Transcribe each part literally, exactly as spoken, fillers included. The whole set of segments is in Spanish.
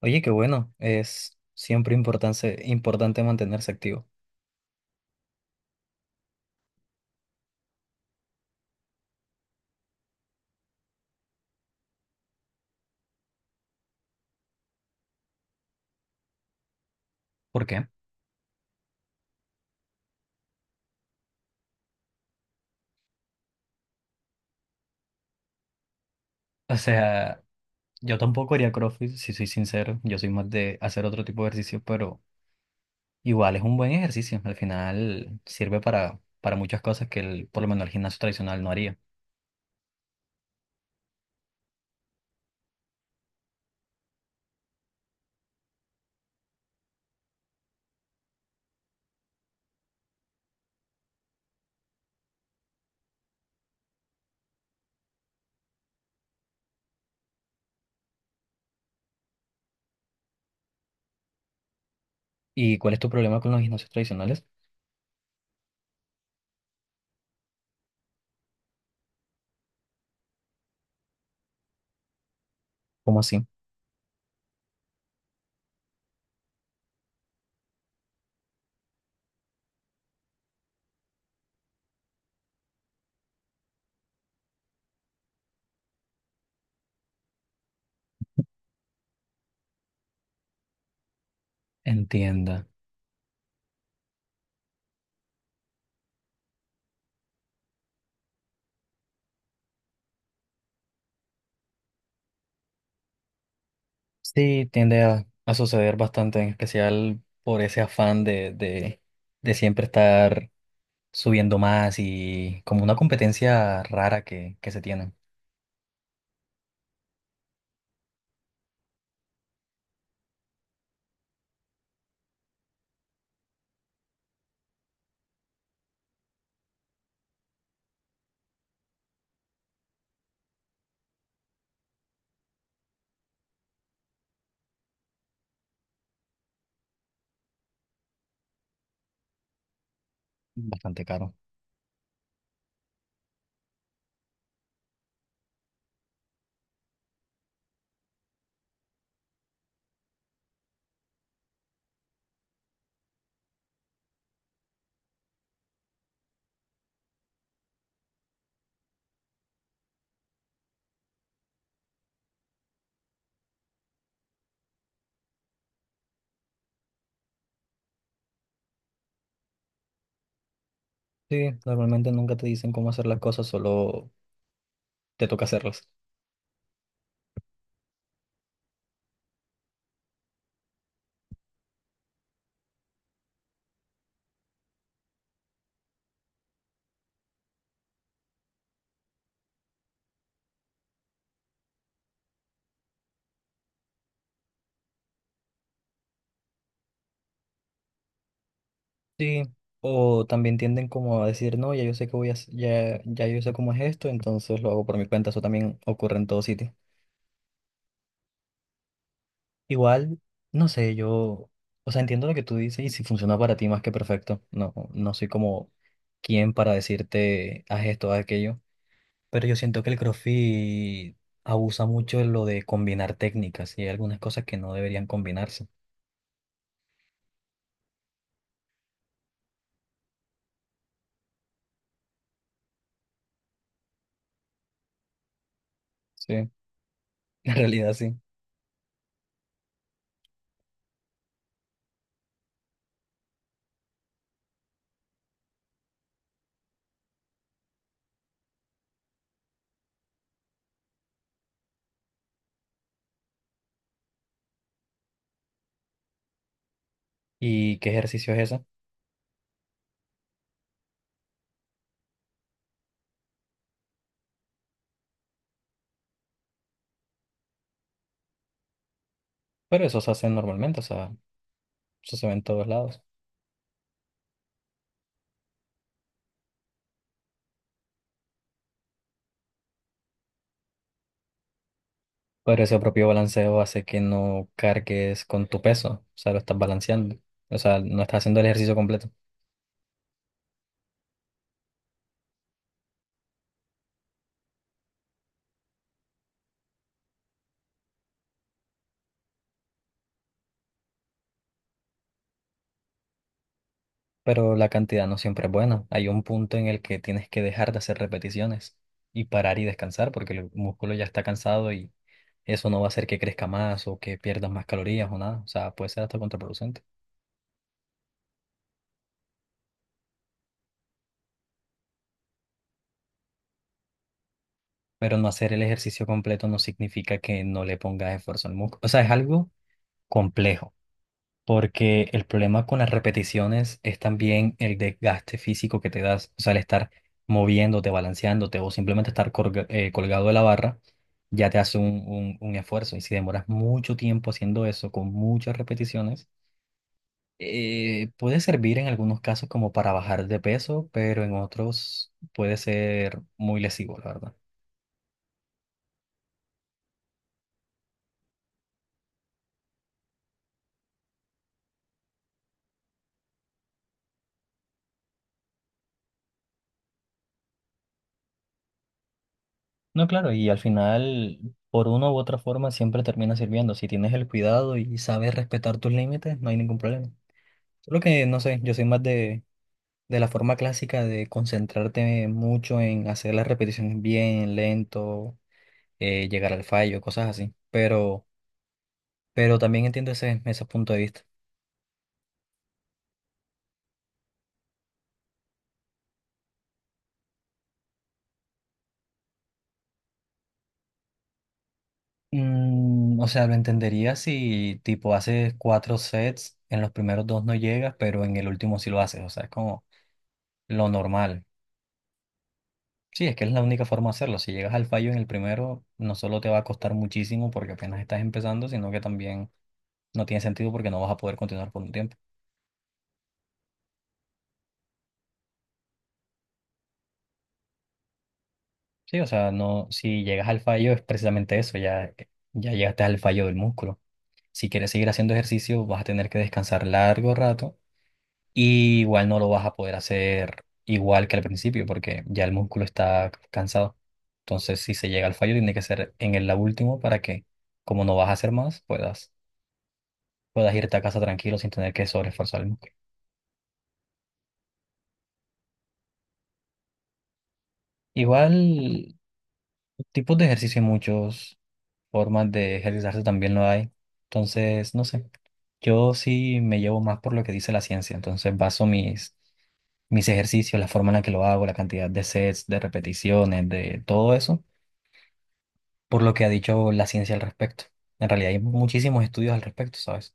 Oye, qué bueno, es siempre importante, importante mantenerse activo. ¿Por qué? O sea, yo tampoco haría CrossFit, si soy sincero, yo soy más de hacer otro tipo de ejercicio, pero igual es un buen ejercicio, al final sirve para, para muchas cosas que el, por lo menos el gimnasio tradicional no haría. ¿Y cuál es tu problema con los gimnasios tradicionales? ¿Cómo así? Entienda. Sí, tiende a, a suceder bastante, en especial por ese afán de, de, de siempre estar subiendo más y como una competencia rara que, que se tiene, bastante caro. Sí, normalmente nunca te dicen cómo hacer las cosas, solo te toca hacerlas. Sí, o también tienden como a decir, no, ya yo sé que voy a, hac- ya, ya yo sé cómo es esto, entonces lo hago por mi cuenta, eso también ocurre en todo sitio. Igual, no sé, yo, o sea, entiendo lo que tú dices y si funciona para ti más que perfecto, no, no soy como quien para decirte, haz esto, haz aquello. Pero yo siento que el CrossFit abusa mucho en lo de combinar técnicas y hay algunas cosas que no deberían combinarse. Sí. En realidad sí. ¿Y qué ejercicio es ese? Pero eso se hace normalmente, o sea, eso se ve en todos lados. Pero ese propio balanceo hace que no cargues con tu peso, o sea, lo estás balanceando. O sea, no estás haciendo el ejercicio completo. Pero la cantidad no siempre es buena. Hay un punto en el que tienes que dejar de hacer repeticiones y parar y descansar porque el músculo ya está cansado y eso no va a hacer que crezca más o que pierdas más calorías o nada. O sea, puede ser hasta contraproducente. Pero no hacer el ejercicio completo no significa que no le pongas esfuerzo al músculo. O sea, es algo complejo. Porque el problema con las repeticiones es también el desgaste físico que te das, o sea, el estar moviéndote, balanceándote o simplemente estar colga- eh, colgado de la barra, ya te hace un, un- un esfuerzo. Y si demoras mucho tiempo haciendo eso con muchas repeticiones, eh, puede servir en algunos casos como para bajar de peso, pero en otros puede ser muy lesivo, la verdad. No, claro, y al final, por una u otra forma, siempre termina sirviendo. Si tienes el cuidado y sabes respetar tus límites, no hay ningún problema. Solo que no sé, yo soy más de, de la forma clásica de concentrarte mucho en hacer las repeticiones bien, lento, eh, llegar al fallo, cosas así. Pero, pero también entiendo ese, ese punto de vista. Mm, o sea, lo entendería si tipo haces cuatro sets, en los primeros dos no llegas, pero en el último sí lo haces. O sea, es como lo normal. Sí, es que es la única forma de hacerlo. Si llegas al fallo en el primero, no solo te va a costar muchísimo porque apenas estás empezando, sino que también no tiene sentido porque no vas a poder continuar por un tiempo. Sí, o sea, no, si llegas al fallo es precisamente eso, ya, ya llegaste al fallo del músculo. Si quieres seguir haciendo ejercicio, vas a tener que descansar largo rato y igual no lo vas a poder hacer igual que al principio porque ya el músculo está cansado. Entonces, si se llega al fallo, tiene que ser en el la último para que, como no vas a hacer más, puedas, puedas irte a casa tranquilo sin tener que sobreesforzar el músculo. Igual, tipos de ejercicio hay muchos. Formas de ejercitarse también lo hay. Entonces, no sé, yo sí me llevo más por lo que dice la ciencia, entonces baso mis, mis ejercicios, la forma en la que lo hago, la cantidad de sets, de repeticiones, de todo eso, por lo que ha dicho la ciencia al respecto. En realidad hay muchísimos estudios al respecto, ¿sabes?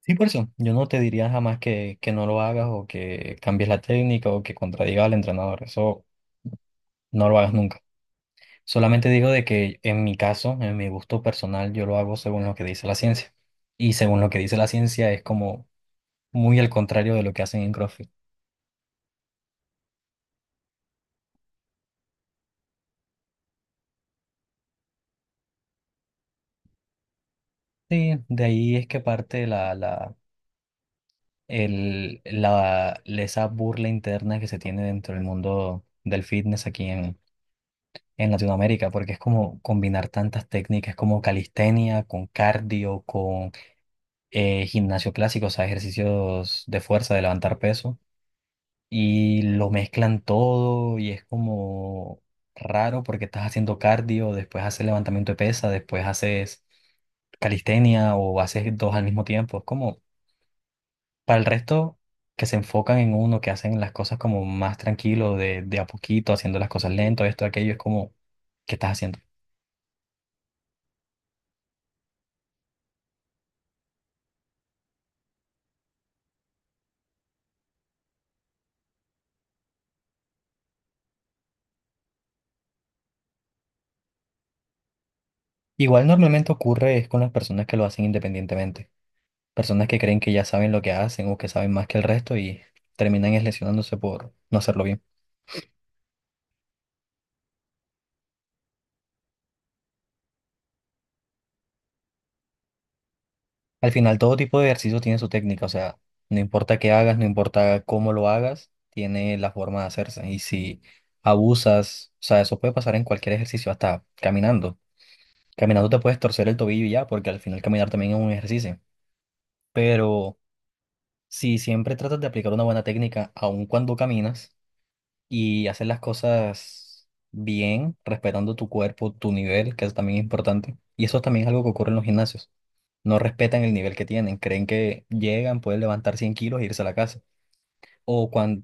Sí, por eso, yo no te diría jamás que, que no lo hagas o que cambies la técnica o que contradiga al entrenador, eso no lo hagas nunca. Solamente digo de que en mi caso, en mi gusto personal, yo lo hago según lo que dice la ciencia. Y según lo que dice la ciencia es como muy al contrario de lo que hacen en CrossFit. Sí, de ahí es que parte la, la, el, la, esa burla interna que se tiene dentro del mundo del fitness aquí en, en Latinoamérica, porque es como combinar tantas técnicas como calistenia, con cardio, con eh, gimnasio clásico, o sea, ejercicios de fuerza, de levantar peso y lo mezclan todo y es como raro porque estás haciendo cardio, después haces levantamiento de pesa, después haces calistenia o haces dos al mismo tiempo. Es como para el resto que se enfocan en uno, que hacen las cosas como más tranquilo, de, de a poquito, haciendo las cosas lento, esto, aquello, es como, ¿qué estás haciendo? Igual normalmente ocurre es con las personas que lo hacen independientemente. Personas que creen que ya saben lo que hacen o que saben más que el resto y terminan es lesionándose por no hacerlo bien. Al final, todo tipo de ejercicio tiene su técnica, o sea, no importa qué hagas, no importa cómo lo hagas, tiene la forma de hacerse. Y si abusas, o sea, eso puede pasar en cualquier ejercicio, hasta caminando. Caminando te puedes torcer el tobillo y ya, porque al final caminar también es un ejercicio. Pero si siempre tratas de aplicar una buena técnica, aun cuando caminas, y haces las cosas bien, respetando tu cuerpo, tu nivel, que es también importante, y eso también es algo que ocurre en los gimnasios no respetan el nivel que tienen, creen que llegan, pueden levantar cien kilos e irse a la casa. O cuando,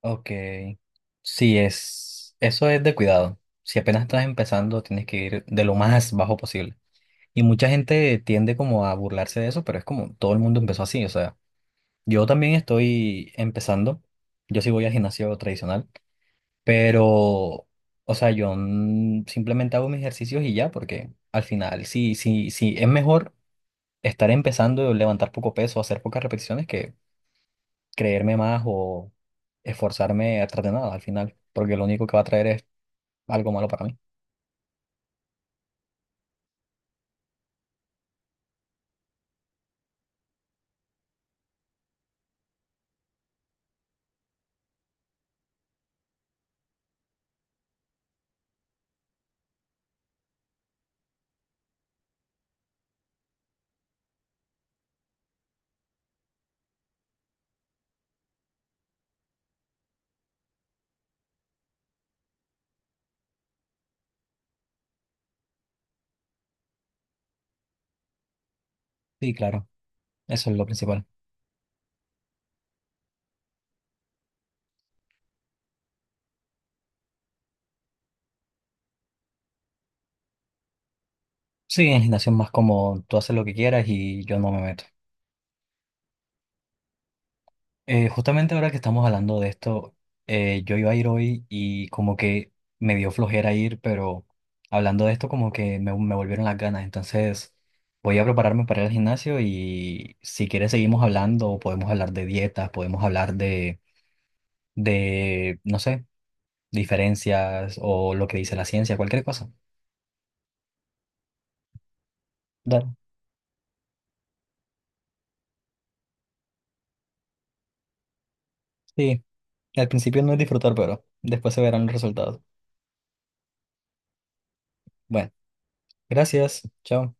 ok, sí, es, eso es de cuidado. Si apenas estás empezando, tienes que ir de lo más bajo posible. Y mucha gente tiende como a burlarse de eso, pero es como todo el mundo empezó así. O sea, yo también estoy empezando, yo sí voy al gimnasio tradicional, pero, o sea, yo mm, simplemente hago mis ejercicios y ya, porque al final, sí, sí, sí, es mejor. Estar empezando a levantar poco peso, hacer pocas repeticiones que creerme más o esforzarme a tratar de nada al final, porque lo único que va a traer es algo malo para mí. Sí, claro, eso es lo principal. Sí, en gimnasio es más como tú haces lo que quieras y yo no me meto. Eh, justamente ahora que estamos hablando de esto, eh, yo iba a ir hoy y como que me dio flojera ir, pero hablando de esto como que me, me volvieron las ganas. Entonces voy a prepararme para ir al gimnasio y si quieres seguimos hablando, podemos hablar de dietas, podemos hablar de, de, no sé, diferencias o lo que dice la ciencia, cualquier cosa. Dale. Sí, al principio no es disfrutar, pero después se verán los resultados. Bueno, gracias. Chao.